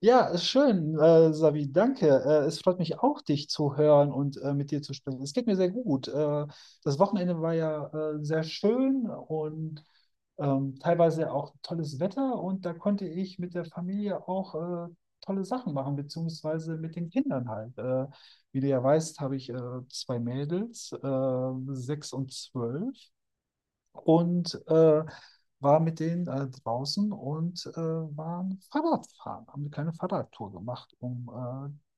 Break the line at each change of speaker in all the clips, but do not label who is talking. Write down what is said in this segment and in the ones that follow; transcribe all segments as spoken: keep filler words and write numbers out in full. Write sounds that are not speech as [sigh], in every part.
Ja, ist schön, äh, Savi, danke. Äh, es freut mich auch, dich zu hören und äh, mit dir zu sprechen. Es geht mir sehr gut. Äh, das Wochenende war ja äh, sehr schön und ähm, teilweise auch tolles Wetter und da konnte ich mit der Familie auch äh, tolle Sachen machen, beziehungsweise mit den Kindern halt. Äh, wie du ja weißt, habe ich äh, zwei Mädels, äh, sechs und zwölf, und äh, war mit denen äh, draußen und äh, waren Fahrradfahren, haben eine kleine Fahrradtour gemacht um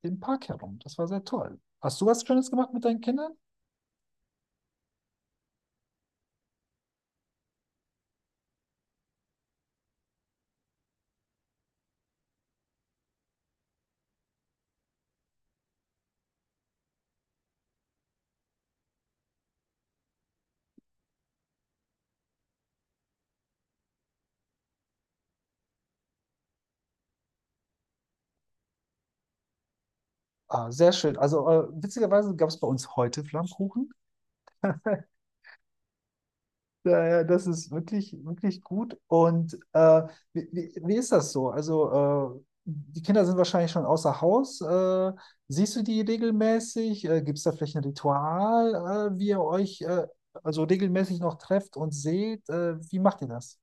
äh, den Park herum. Das war sehr toll. Hast du was Schönes gemacht mit deinen Kindern? Ah, sehr schön. Also äh, witzigerweise gab es bei uns heute Flammkuchen. Daher, das ist wirklich, wirklich gut. Und äh, wie, wie, wie ist das so? Also, äh, die Kinder sind wahrscheinlich schon außer Haus. Äh, siehst du die regelmäßig? Äh, gibt es da vielleicht ein Ritual, äh, wie ihr euch äh, also regelmäßig noch trefft und seht? Äh, wie macht ihr das?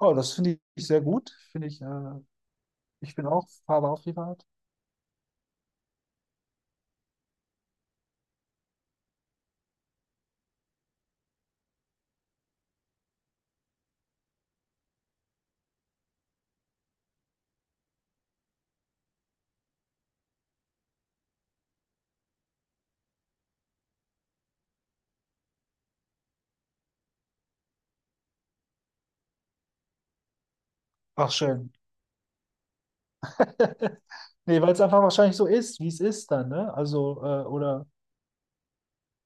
Oh, das finde ich sehr gut. Finde ich, äh, ich bin auch, habe auch privat. Ach, schön. [laughs] Nee, weil es einfach wahrscheinlich so ist, wie es ist dann, ne? Also, äh, oder,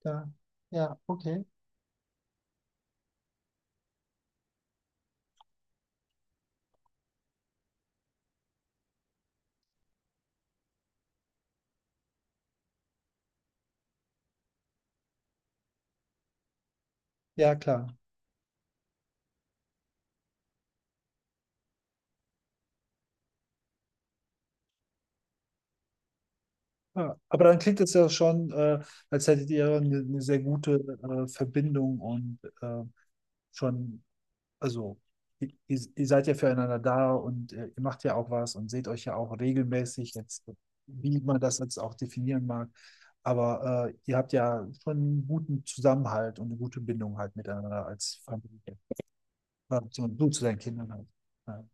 ja, ja, okay. Ja, klar. Ja, aber dann klingt es ja schon, äh, als hättet ihr eine, eine sehr gute äh, Verbindung und äh, schon, also ihr, ihr ihr seid ja füreinander da und äh, ihr macht ja auch was und seht euch ja auch regelmäßig, jetzt, wie man das jetzt auch definieren mag. Aber äh, ihr habt ja schon einen guten Zusammenhalt und eine gute Bindung halt miteinander als Familie. Äh, so- Du zu deinen Kindern halt. Ja.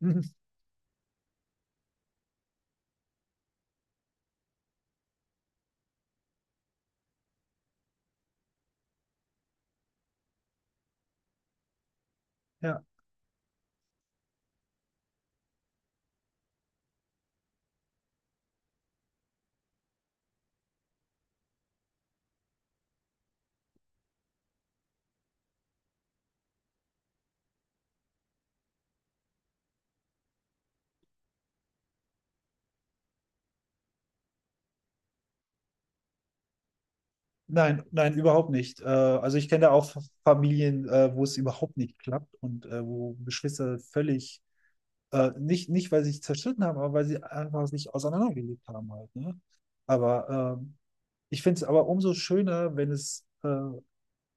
Mhm. Ja. Nein, nein, überhaupt nicht. Äh, also ich kenne da auch Familien, äh, wo es überhaupt nicht klappt und äh, wo Geschwister völlig, äh, nicht, nicht weil sie sich zerstritten haben, aber weil sie einfach sich auseinandergelebt haben halt, ne? Aber ähm, ich finde es aber umso schöner, wenn es äh,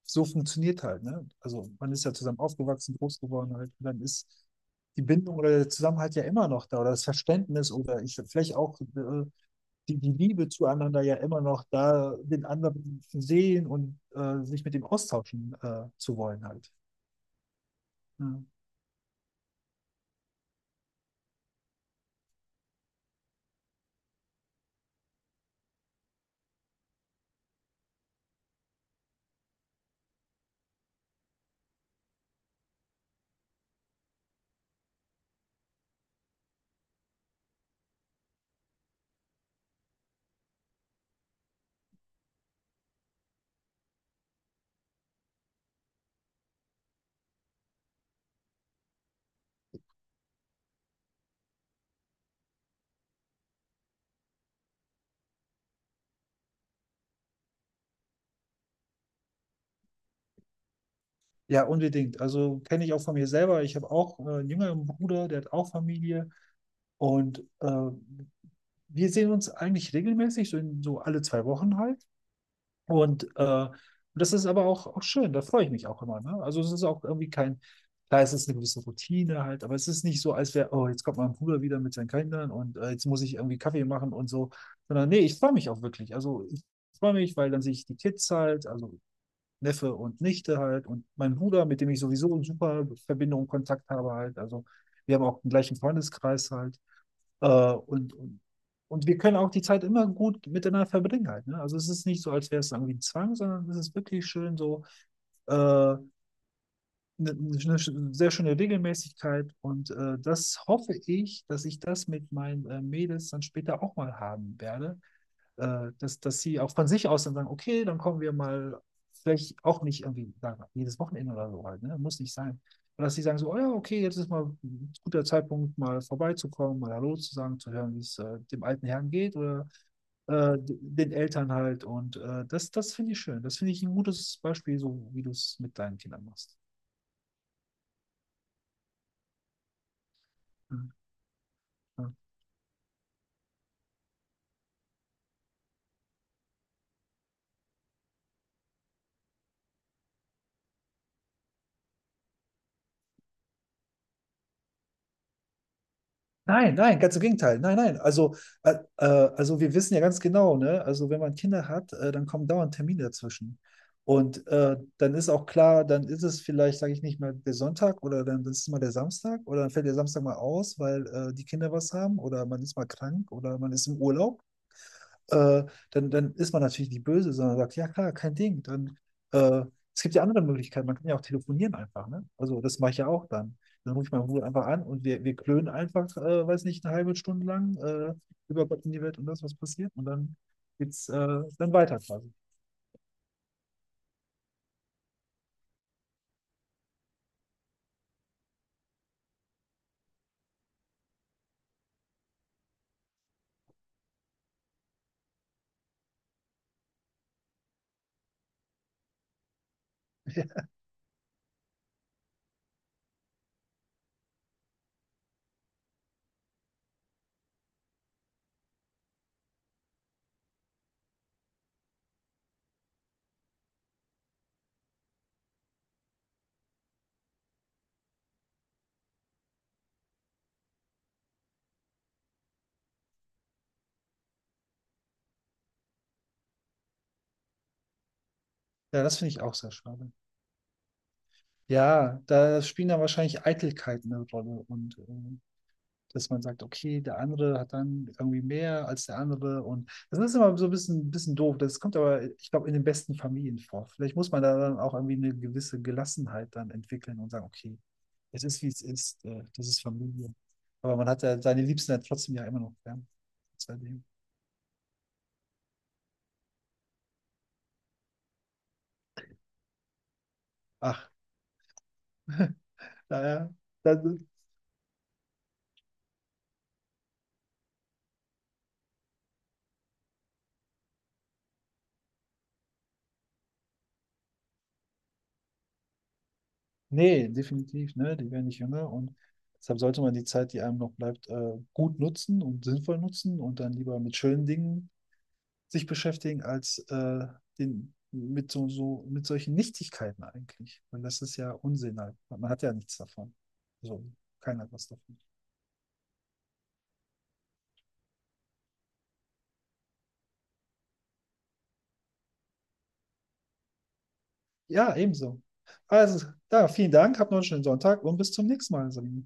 so funktioniert halt, ne? Also man ist ja zusammen aufgewachsen, groß geworden halt, und dann ist die Bindung oder der Zusammenhalt ja immer noch da oder das Verständnis oder ich vielleicht auch äh, die, die Liebe zueinander ja immer noch da, den anderen zu sehen und äh, sich mit dem austauschen äh, zu wollen halt. Ja, ja, unbedingt. Also kenne ich auch von mir selber. Ich habe auch äh, einen jüngeren Bruder, der hat auch Familie und äh, wir sehen uns eigentlich regelmäßig, so, in, so alle zwei Wochen halt. Und äh, das ist aber auch, auch schön, da freue ich mich auch immer. Ne? Also es ist auch irgendwie kein, klar, es ist eine gewisse Routine halt, aber es ist nicht so, als wäre, oh, jetzt kommt mein Bruder wieder mit seinen Kindern und äh, jetzt muss ich irgendwie Kaffee machen und so. Sondern nee, ich freue mich auch wirklich. Also ich freue mich, weil dann sehe ich die Kids halt, also Neffe und Nichte halt und mein Bruder, mit dem ich sowieso eine super Verbindung und Kontakt habe halt. Also wir haben auch den gleichen Freundeskreis halt. Äh, und, und, und wir können auch die Zeit immer gut miteinander verbringen halt, ne? Also es ist nicht so, als wäre es irgendwie ein Zwang, sondern es ist wirklich schön so äh, eine, eine sch- sehr schöne Regelmäßigkeit. Und äh, das hoffe ich, dass ich das mit meinen äh, Mädels dann später auch mal haben werde, äh, dass, dass sie auch von sich aus dann sagen, okay, dann kommen wir mal, vielleicht auch nicht irgendwie sagen, jedes Wochenende oder so halt, ne? Muss nicht sein. Oder dass sie sagen so, oh ja, okay, jetzt ist mal ein guter Zeitpunkt, mal vorbeizukommen, mal Hallo zu sagen, zu hören, wie es äh, dem alten Herrn geht oder äh, den Eltern halt. Und äh, das, das finde ich schön. Das finde ich ein gutes Beispiel, so wie du es mit deinen Kindern machst. Ja, ja. Nein, nein, ganz im Gegenteil. Nein, nein. Also, äh, äh, also wir wissen ja ganz genau, ne? Also wenn man Kinder hat, äh, dann kommen dauernd Termine dazwischen. Und äh, dann ist auch klar, dann ist es vielleicht, sage ich nicht mal, der Sonntag oder dann ist es mal der Samstag oder dann fällt der Samstag mal aus, weil äh, die Kinder was haben oder man ist mal krank oder man ist im Urlaub, äh, dann, dann ist man natürlich die böse, sondern sagt, ja klar, kein Ding. Dann, äh, es gibt ja andere Möglichkeiten, man kann ja auch telefonieren einfach, ne? Also das mache ich ja auch dann. Dann rufe ich meinen Bruder einfach an und wir, wir klönen einfach, äh, weiß nicht, eine halbe Stunde lang äh, über Gott in die Welt und das, was passiert. Und dann geht's äh, dann weiter quasi. Ja, das finde ich auch sehr schade. Ja, da spielen dann wahrscheinlich Eitelkeiten eine Rolle und äh, dass man sagt, okay, der andere hat dann irgendwie mehr als der andere und das ist immer so ein bisschen, bisschen doof. Das kommt aber, ich glaube, in den besten Familien vor. Vielleicht muss man da dann auch irgendwie eine gewisse Gelassenheit dann entwickeln und sagen, okay, es ist, wie es ist, äh, das ist Familie. Aber man hat ja seine Liebsten ja trotzdem ja immer noch gern. Seitdem. Ach, naja, dann, nee, definitiv, ne, die werden nicht jünger und deshalb sollte man die Zeit, die einem noch bleibt, äh, gut nutzen und sinnvoll nutzen und dann lieber mit schönen Dingen sich beschäftigen als äh, den, mit so, so, mit solchen Nichtigkeiten eigentlich. Weil das ist ja Unsinn halt. Man hat ja nichts davon. So, keiner hat was davon. Ja, ebenso. Also, da, vielen Dank, habt noch einen schönen Sonntag und bis zum nächsten Mal, Sabine.